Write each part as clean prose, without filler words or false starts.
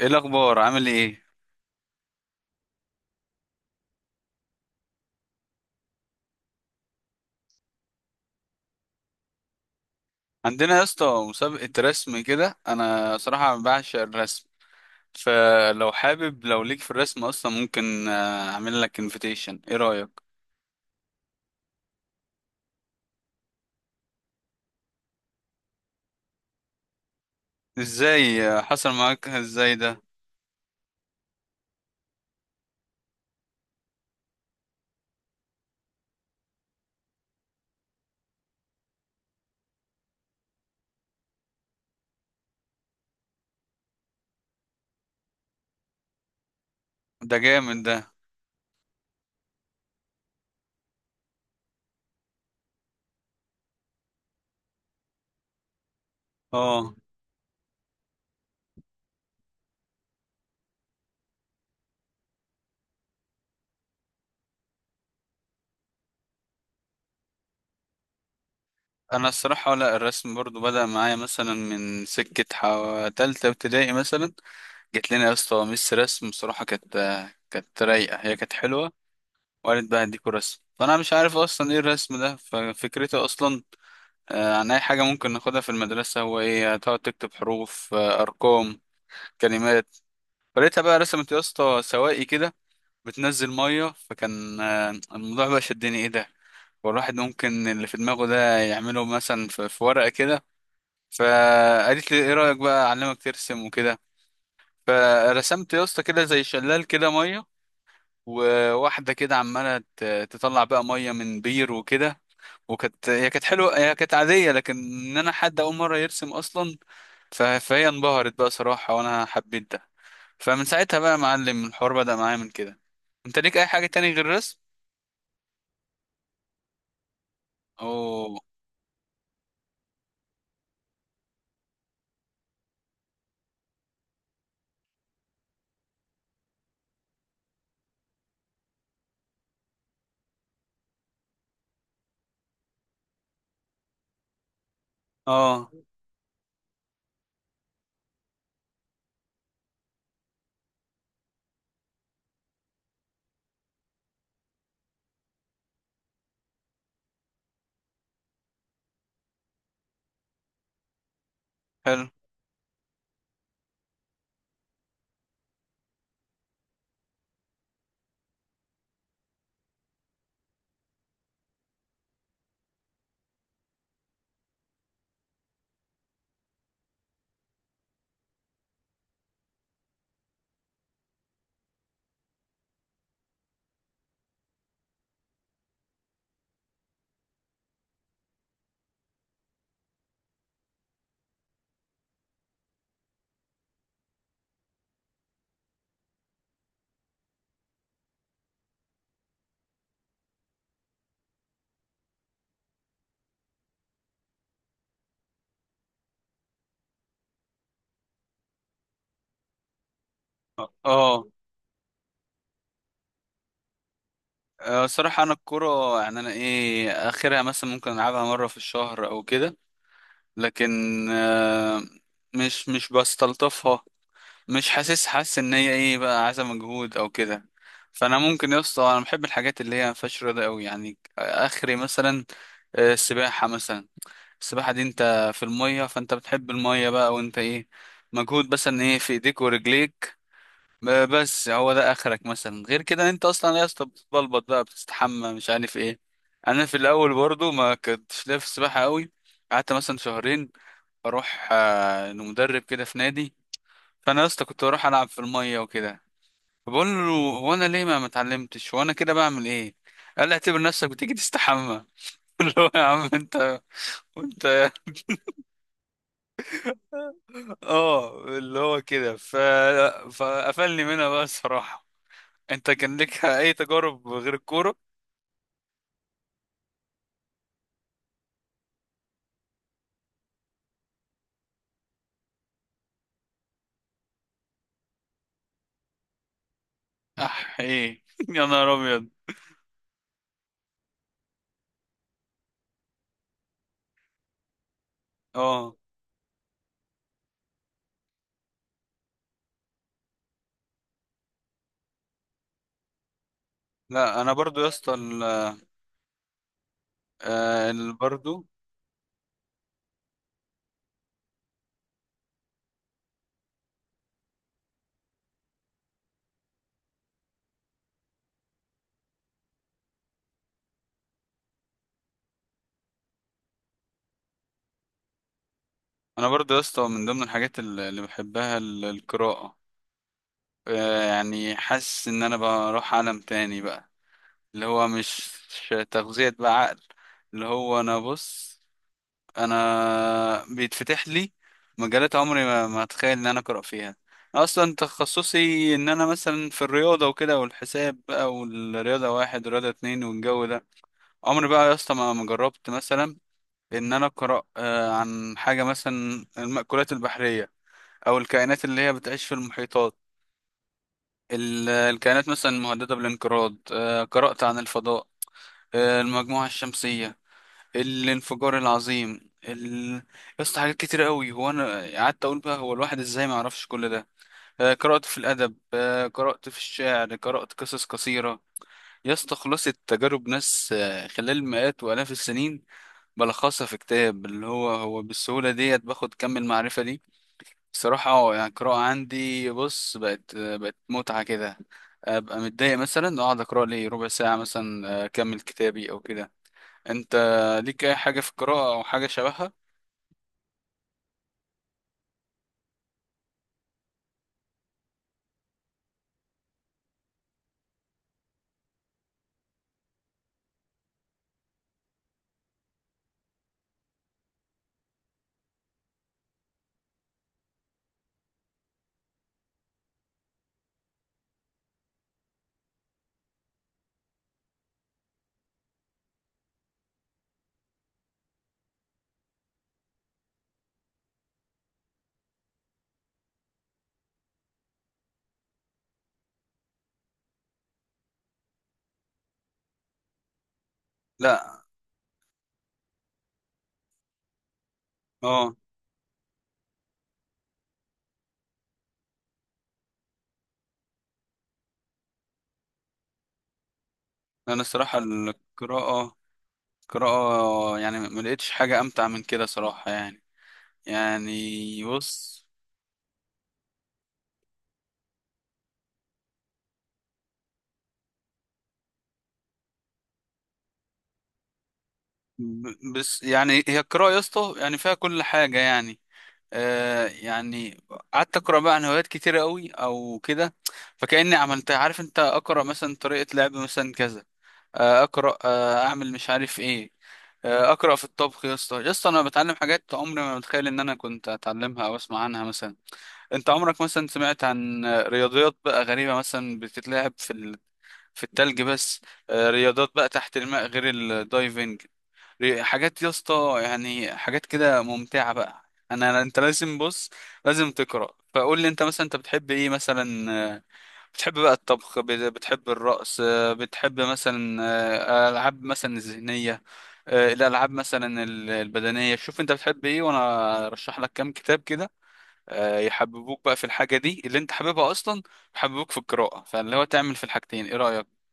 ايه الاخبار؟ عامل ايه؟ عندنا يا اسطى مسابقه رسم كده. انا صراحه بعشق الرسم، فلو حابب، لو ليك في الرسم اصلا، ممكن اعمل لك انفيتيشن. ايه رايك؟ ازاي حصل معاك ازاي ده؟ ده جامد ده. اه. انا الصراحه، لا، الرسم برضو بدا معايا مثلا من سكه تالتة ابتدائي مثلا. جت لنا يا اسطى ميس رسم صراحه، كانت رايقه، هي كانت حلوه. وقالت بقى هديكوا رسم، فانا مش عارف اصلا ايه الرسم ده، ففكرته اصلا عن أي حاجة ممكن ناخدها في المدرسة. هو إيه؟ هتقعد تكتب حروف، أرقام، كلمات؟ فلقيتها بقى رسمت يا اسطى سواقي كده بتنزل مية، فكان الموضوع بقى شدني، إيه ده؟ والواحد ممكن اللي في دماغه ده يعمله مثلا في ورقة كده. فقالت لي إيه رأيك بقى أعلمك ترسم وكده. فرسمت يا اسطى كده زي شلال كده مية، وواحدة كده عمالة تطلع بقى مية من بير وكده. وكانت هي كانت حلوة، هي كانت عادية، لكن إن أنا حد أول مرة يرسم أصلا، فهي انبهرت بقى صراحة، وانا حبيت ده. فمن ساعتها بقى يا معلم الحوار بدأ معايا من كده. انت ليك اي حاجة تاني غير الرسم؟ اوه. اه. حلو. اه. آه. آه. صراحة انا الكورة، يعني انا ايه اخرها؟ مثلا ممكن العبها مرة في الشهر او كده. لكن آه، مش بستلطفها. مش حاسس ان هي ايه بقى، عايزة مجهود او كده. فانا ممكن يا اسطى، انا بحب الحاجات اللي هي ما فيهاش رياضة قوي يعني، اخري مثلا السباحة مثلا. السباحة دي انت في المية، فانت بتحب المية بقى، وانت ايه؟ مجهود مثلا ايه في ايديك ورجليك. بس هو ده اخرك مثلا، غير كده انت اصلا يا اسطى بتبلبط بقى، بتستحمى مش عارف ايه. انا في الاول برضو ما كنتش ليا في السباحة قوي. قعدت مثلا شهرين اروح لمدرب كده في نادي. فانا يا اسطى كنت بروح العب في المية وكده. فبقول له، هو انا ليه ما اتعلمتش؟ وانا كده بعمل ايه؟ قال لي اعتبر نفسك بتيجي تستحمى. اللي هو يا عم انت، وانت. اه، اللي هو كده. فقفلني منها بقى الصراحة. انت كان لك اي تجارب غير الكورة؟ اح، ايه يا نهار ابيض. اه. لا انا برضو يا اسطى برضو. انا برضو يا اسطى من ضمن الحاجات اللي بحبها القراءة. يعني حاسس ان انا بروح عالم تاني بقى، اللي هو مش تغذية بقى عقل. اللي هو انا بص، انا بيتفتح لي مجالات عمري ما اتخيل ان انا اقرا فيها اصلا. تخصصي ان انا مثلا في الرياضه وكده، والحساب بقى، والرياضه واحد ورياضه اتنين، والجو ده. عمري بقى يا اسطى ما جربت مثلا ان انا اقرا عن حاجه مثلا المأكولات البحريه، او الكائنات اللي هي بتعيش في المحيطات، الكائنات مثلا المهدده بالانقراض. قرات عن الفضاء، المجموعه الشمسيه، الانفجار العظيم يا اسطى، حاجات كتير قوي. هو انا قعدت اقول بقى، هو الواحد ازاي ما يعرفش كل ده؟ قرأت في الادب، قرأت في الشعر، قرأت قصص قصيرة. يا اسطى خلاصة تجارب ناس خلال مئات والاف السنين بلخصها في كتاب، اللي هو هو بالسهولة ديت باخد كم المعرفة دي صراحة. يعني القراءة عندي، بص، بقت بقت متعة كده. ابقى متضايق مثلا اقعد اقرا لي ربع ساعة مثلا، اكمل كتابي او كده. انت ليك اي حاجة في القراءة او حاجة شبهها؟ لا. اه. انا الصراحة القراءة، يعني ما لقيتش حاجة امتع من كده صراحة يعني. يعني بص، بس يعني هي القراءة يا اسطى يعني فيها كل حاجة يعني. يعني قعدت اقرا بقى عن هوايات كتيرة قوي او كده. فكأني عملت، عارف انت، اقرا مثلا طريقة لعب مثلا كذا، اقرا، اعمل مش عارف ايه. اقرا في الطبخ، يا اسطى يا اسطى انا بتعلم حاجات عمري ما متخيل ان انا كنت اتعلمها او اسمع عنها مثلا. انت عمرك مثلا سمعت عن رياضيات بقى غريبه مثلا بتتلعب في في التلج بس؟ رياضات بقى تحت الماء غير الدايفنج؟ حاجات يا اسطى، يعني حاجات كده ممتعه بقى. انا، انت لازم بص، لازم تقرا. فقول لي انت مثلا، انت بتحب ايه مثلا؟ بتحب بقى الطبخ؟ بتحب الرقص؟ بتحب مثلا العاب مثلا الذهنيه؟ الالعاب مثلا البدنيه؟ شوف انت بتحب ايه وانا ارشح لك كام كتاب كده يحببوك بقى في الحاجه دي اللي انت حاببها اصلا، يحببوك في القراءه، فاللي هو تعمل في الحاجتين. ايه رايك؟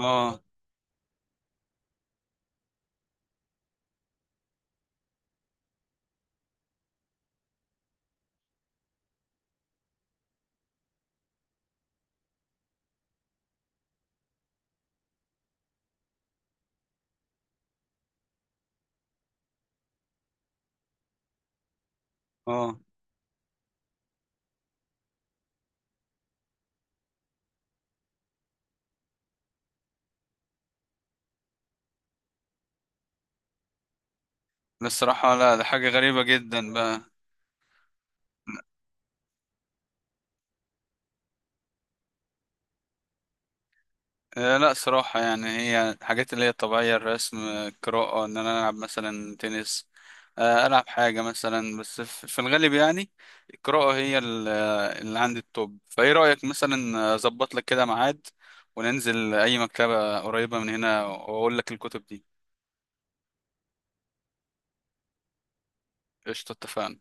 اه. اه. ده الصراحه، لا ده حاجه غريبه جدا بقى. لا صراحة، يعني هي الحاجات اللي هي الطبيعية، الرسم، القراءة، إن أنا ألعب مثلا تنس، ألعب حاجة مثلا. بس في الغالب يعني القراءة هي اللي عندي التوب. فإيه رأيك مثلا أظبط لك كده ميعاد وننزل أي مكتبة قريبة من هنا وأقول لك الكتب دي؟ قشطة، اتفقنا.